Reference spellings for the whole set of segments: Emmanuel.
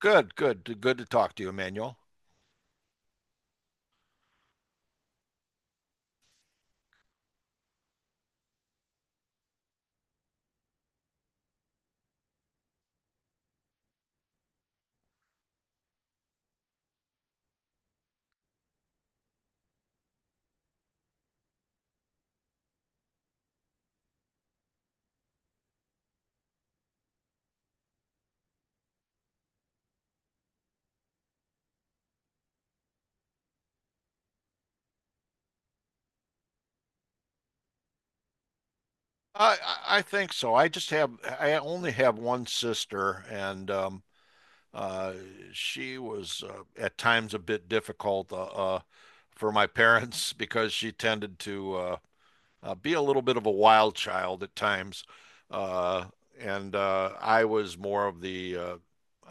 Good, good, good to talk to you, Emmanuel. I think so. I only have one sister, and uh, she was at times a bit difficult uh, for my parents because she tended to be a little bit of a wild child at times, uh, and I was more of the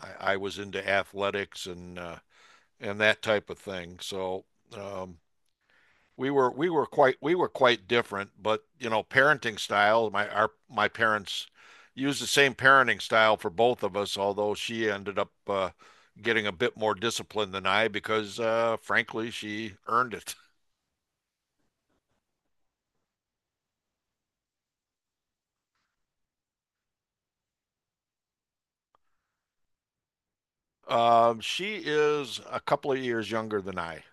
I was into athletics and that type of thing. So um, we were quite different, but you know, parenting style, my parents used the same parenting style for both of us, although she ended up getting a bit more discipline than I because frankly, she earned it. She is a couple of years younger than I.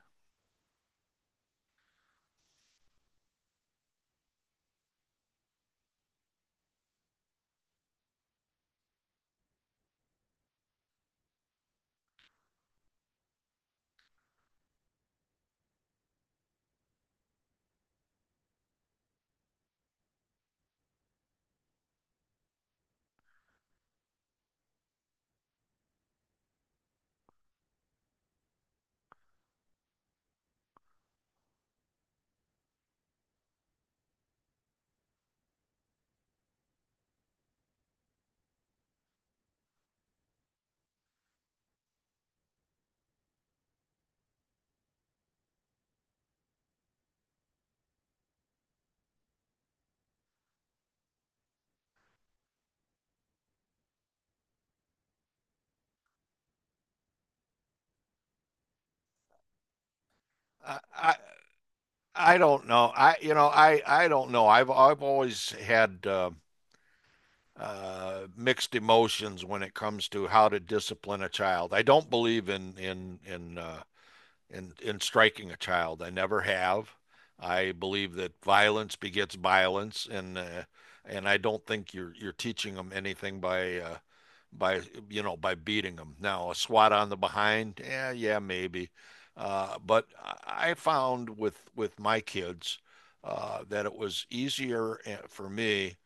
I I don't know. I I don't know. I've always had mixed emotions when it comes to how to discipline a child. I don't believe in striking a child. I never have. I believe that violence begets violence, and I don't think you're teaching them anything by you know by beating them. Now a swat on the behind, yeah, yeah, maybe, but I found with my kids that it was easier for me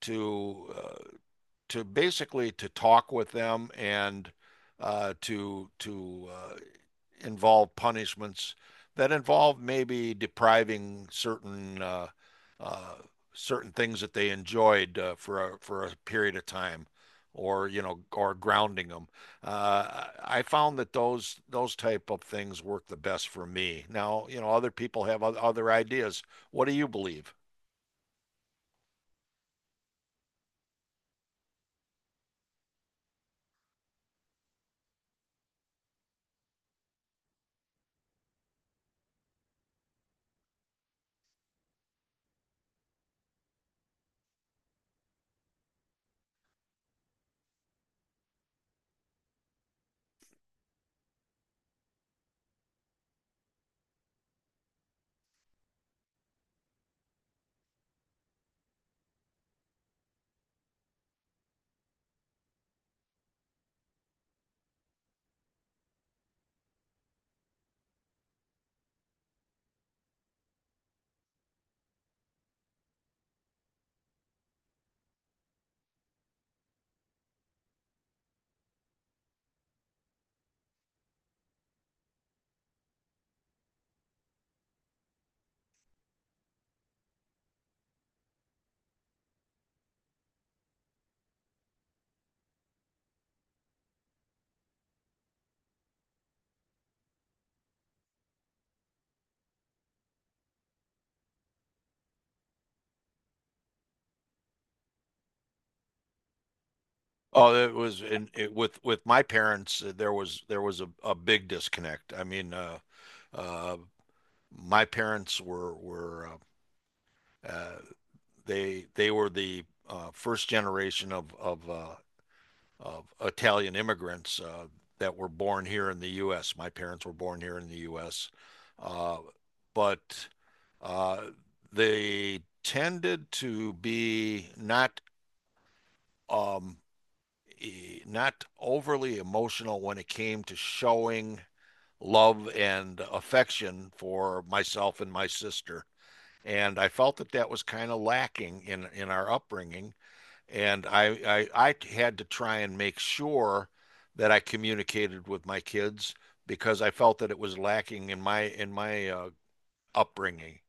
to uh, to basically to talk with them and to involve punishments that involve maybe depriving certain uh, certain things that they enjoyed for a period of time, or you know, or grounding them. I found that those type of things work the best for me. Now, you know, other people have other ideas. What do you believe? Oh, it was in it, with my parents. There was a big disconnect. I mean, uh, my parents were uh, uh, they were the first generation of Italian immigrants that were born here in the U.S. My parents were born here in the U.S., uh, but uh, they tended to be not um, not overly emotional when it came to showing love and affection for myself and my sister. And I felt that that was kind of lacking in our upbringing. And I had to try and make sure that I communicated with my kids because I felt that it was lacking in my upbringing.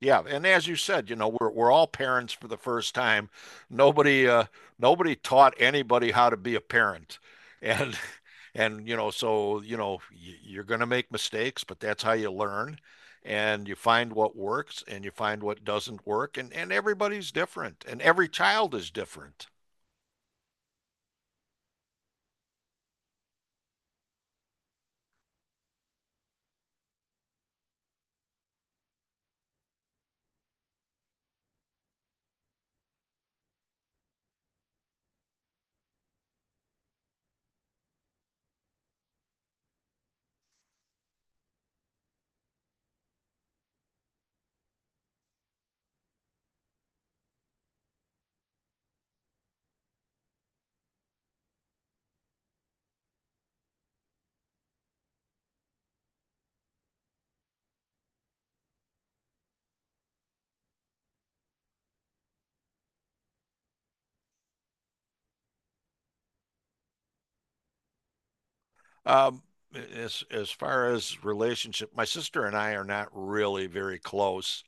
Yeah, and as you said, you know, we're all parents for the first time. Nobody uh, Nobody taught anybody how to be a parent, and and you know, so you know, you're going to make mistakes, but that's how you learn, and you find what works and you find what doesn't work, and everybody's different, and every child is different. Um, as far as relationship, my sister and I are not really very close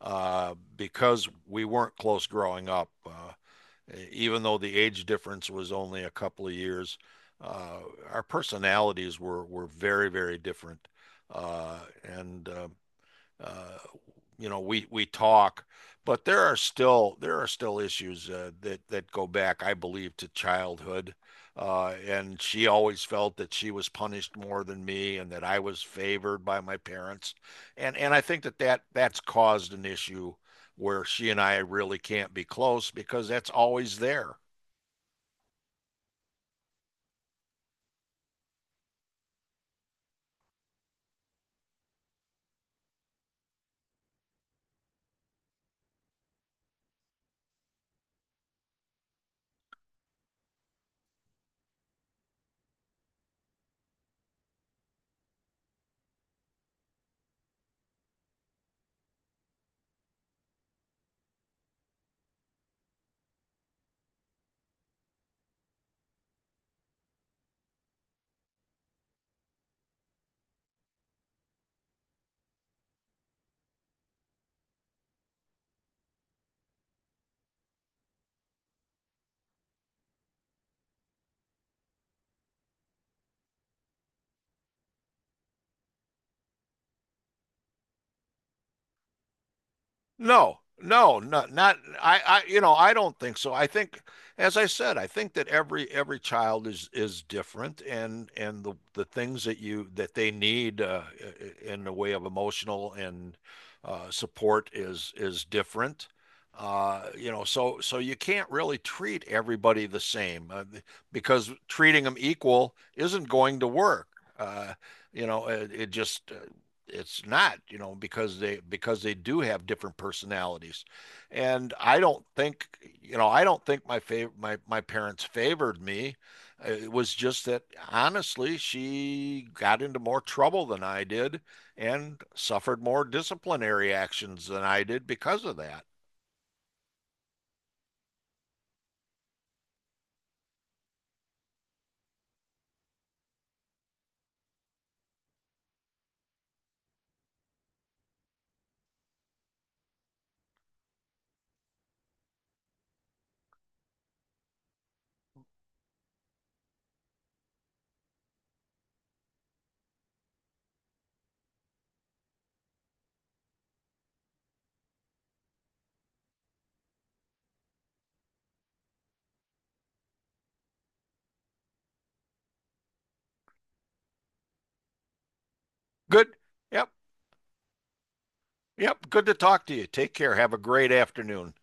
because we weren't close growing up. Even though the age difference was only a couple of years, uh, our personalities were very, very different. Uh, and uh, you know, we talk, but there are still issues that that go back, I believe, to childhood. And she always felt that she was punished more than me, and that I was favored by my parents. And I think that's caused an issue where she and I really can't be close because that's always there. No, no, not not I, I you know, I don't think so. I think, as I said, I think that every child is different and the things that they need in the way of emotional and support is different. You know, so so you can't really treat everybody the same because treating them equal isn't going to work. Uh, you know, it just it's not you know because they do have different personalities, and I don't think I don't think my my parents favored me. It was just that honestly she got into more trouble than I did and suffered more disciplinary actions than I did because of that. Good. Yep. Yep, good to talk to you. Take care. Have a great afternoon.